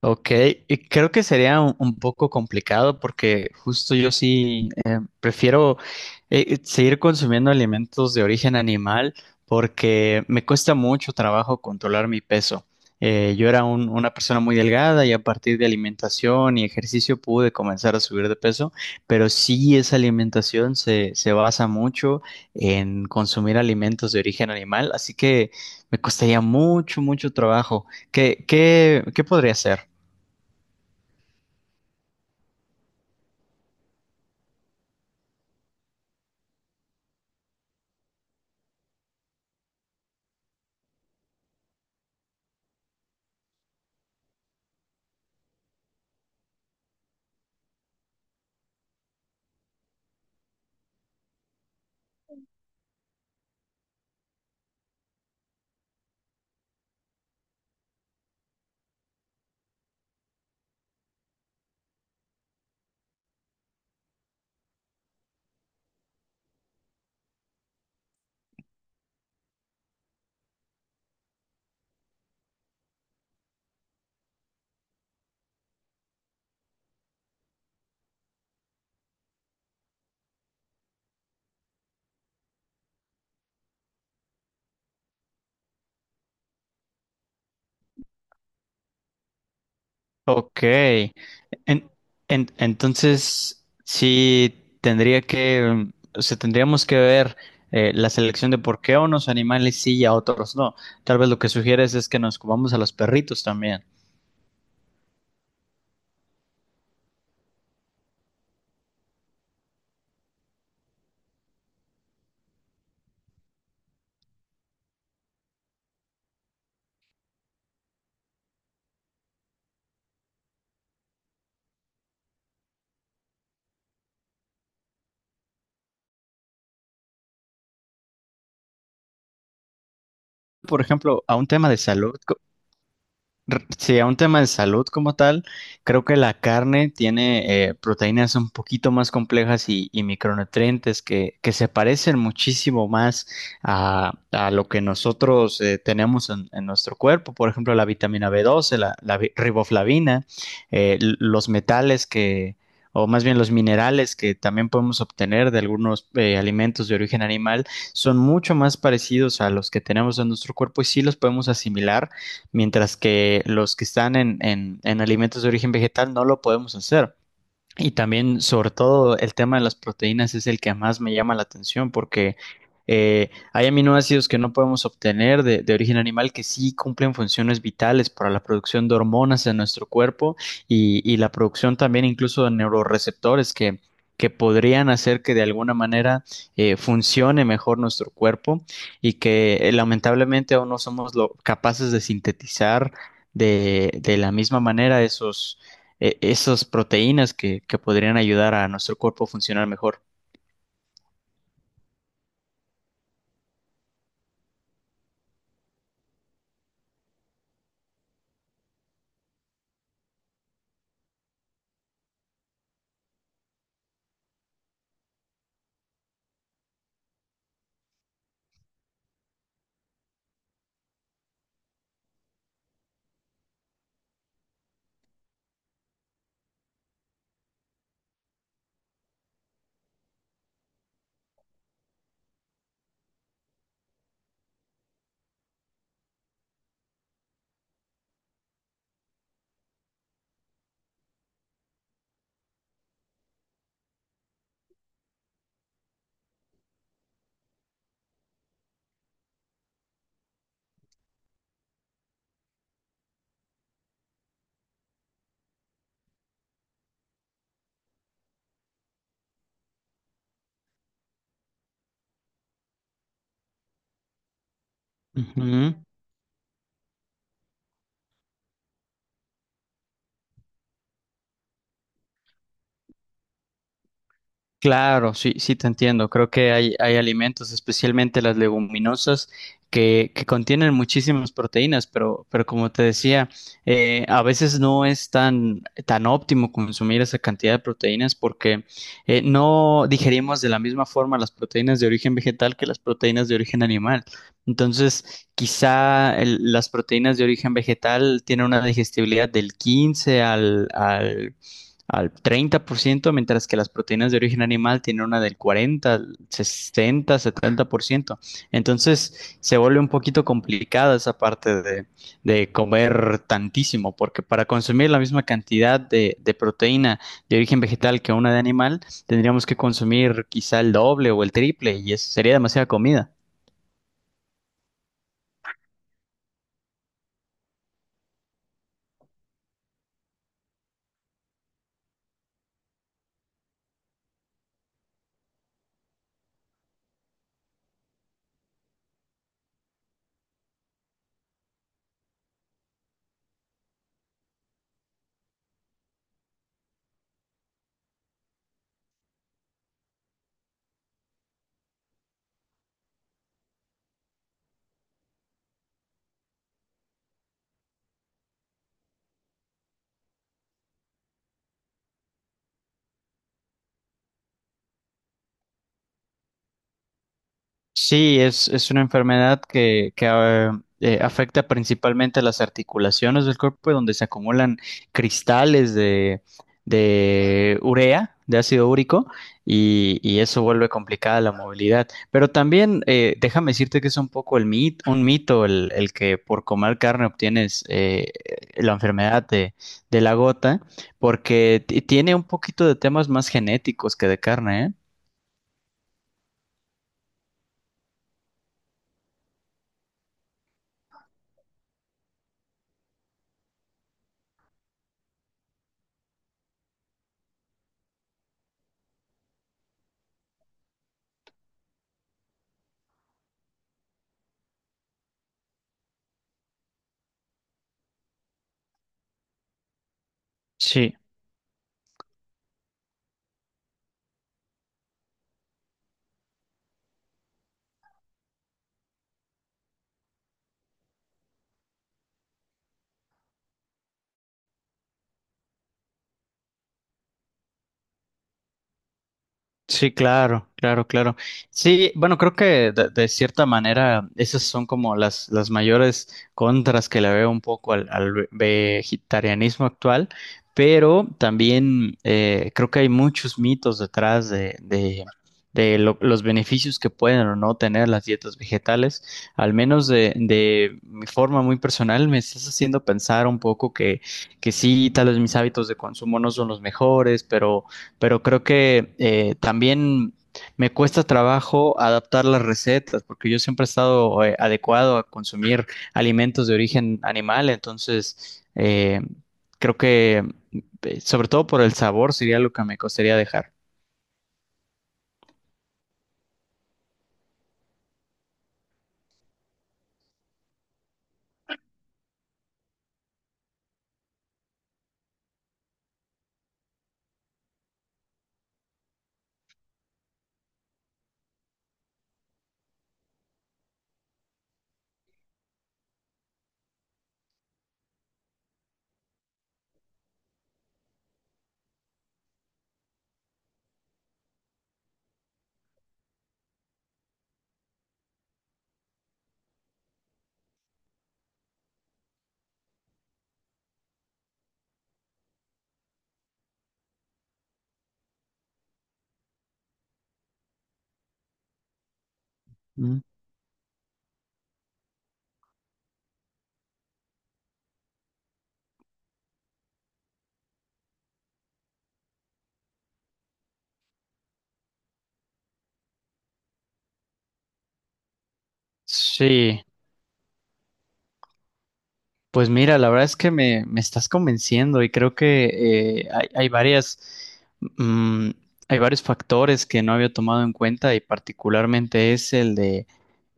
Ok, y creo que sería un poco complicado porque justo yo sí prefiero seguir consumiendo alimentos de origen animal porque me cuesta mucho trabajo controlar mi peso. Yo era una persona muy delgada y a partir de alimentación y ejercicio pude comenzar a subir de peso, pero sí esa alimentación se basa mucho en consumir alimentos de origen animal, así que me costaría mucho, mucho trabajo. ¿Qué podría hacer? Ok. En- entonces, sí, tendría que, o sea, tendríamos que ver la selección de por qué a unos animales sí y a otros no. Tal vez lo que sugieres es que nos comamos a los perritos también. Por ejemplo, a un tema de salud. Sí, a un tema de salud como tal, creo que la carne tiene proteínas un poquito más complejas y micronutrientes que se parecen muchísimo más a lo que nosotros tenemos en nuestro cuerpo. Por ejemplo, la vitamina B12, la riboflavina, los metales que, o más bien los minerales que también podemos obtener de algunos alimentos de origen animal, son mucho más parecidos a los que tenemos en nuestro cuerpo y sí los podemos asimilar mientras que los que están en alimentos de origen vegetal no lo podemos hacer. Y también, sobre todo, el tema de las proteínas es el que más me llama la atención porque hay aminoácidos que no podemos obtener de origen animal que sí cumplen funciones vitales para la producción de hormonas en nuestro cuerpo y la producción también incluso de neuroreceptores que podrían hacer que de alguna manera funcione mejor nuestro cuerpo y que lamentablemente aún no somos capaces de sintetizar de la misma manera esas proteínas que podrían ayudar a nuestro cuerpo a funcionar mejor. Ujú. Claro, sí, sí te entiendo. Creo que hay alimentos, especialmente las leguminosas, que contienen muchísimas proteínas, pero como te decía, a veces no es tan óptimo consumir esa cantidad de proteínas porque no digerimos de la misma forma las proteínas de origen vegetal que las proteínas de origen animal. Entonces, quizá las proteínas de origen vegetal tienen una digestibilidad del 15 al 30%, mientras que las proteínas de origen animal tienen una del 40, 60, 70%. Entonces se vuelve un poquito complicada esa parte de comer tantísimo, porque para consumir la misma cantidad de proteína de origen vegetal que una de animal, tendríamos que consumir quizá el doble o el triple y eso sería demasiada comida. Sí, es una enfermedad que afecta principalmente a las articulaciones del cuerpo, donde se acumulan cristales de urea, de ácido úrico, y eso vuelve complicada la movilidad. Pero también déjame decirte que es un poco un mito el que por comer carne obtienes la enfermedad de la gota, porque tiene un poquito de temas más genéticos que de carne, ¿eh? Sí. Sí, claro, claro, claro. Sí, bueno, creo que de cierta manera esas son como las mayores contras que le veo un poco al, al vegetarianismo actual, pero también creo que hay muchos mitos detrás de los beneficios que pueden o no tener las dietas vegetales. Al menos de mi forma muy personal, me estás haciendo pensar un poco que sí, tal vez mis hábitos de consumo no son los mejores, pero creo que también me cuesta trabajo adaptar las recetas, porque yo siempre he estado adecuado a consumir alimentos de origen animal, entonces creo que sobre todo por el sabor sería lo que me costaría dejar. Mm. Sí, pues mira, la verdad es que me estás convenciendo y creo que hay, hay varias, mm, hay varios factores que no había tomado en cuenta y particularmente es el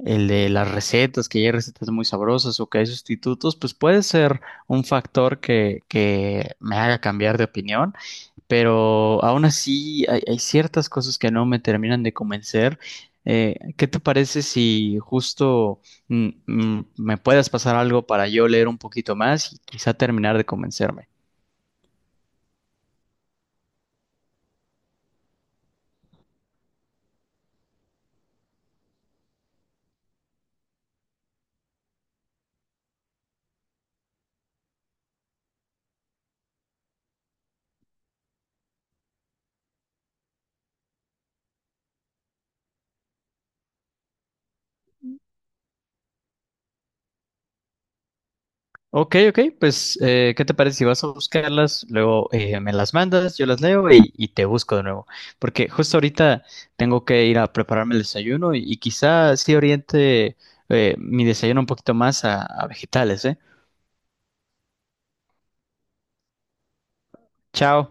el de las recetas, que ya hay recetas muy sabrosas o que hay sustitutos, pues puede ser un factor que me haga cambiar de opinión, pero aún así hay, hay ciertas cosas que no me terminan de convencer. ¿Qué te parece si justo me puedas pasar algo para yo leer un poquito más y quizá terminar de convencerme? Ok, ok, pues ¿qué te parece si vas a buscarlas? Luego me las mandas, yo las leo y te busco de nuevo. Porque justo ahorita tengo que ir a prepararme el desayuno y quizá sí oriente mi desayuno un poquito más a vegetales, ¿eh? Chao.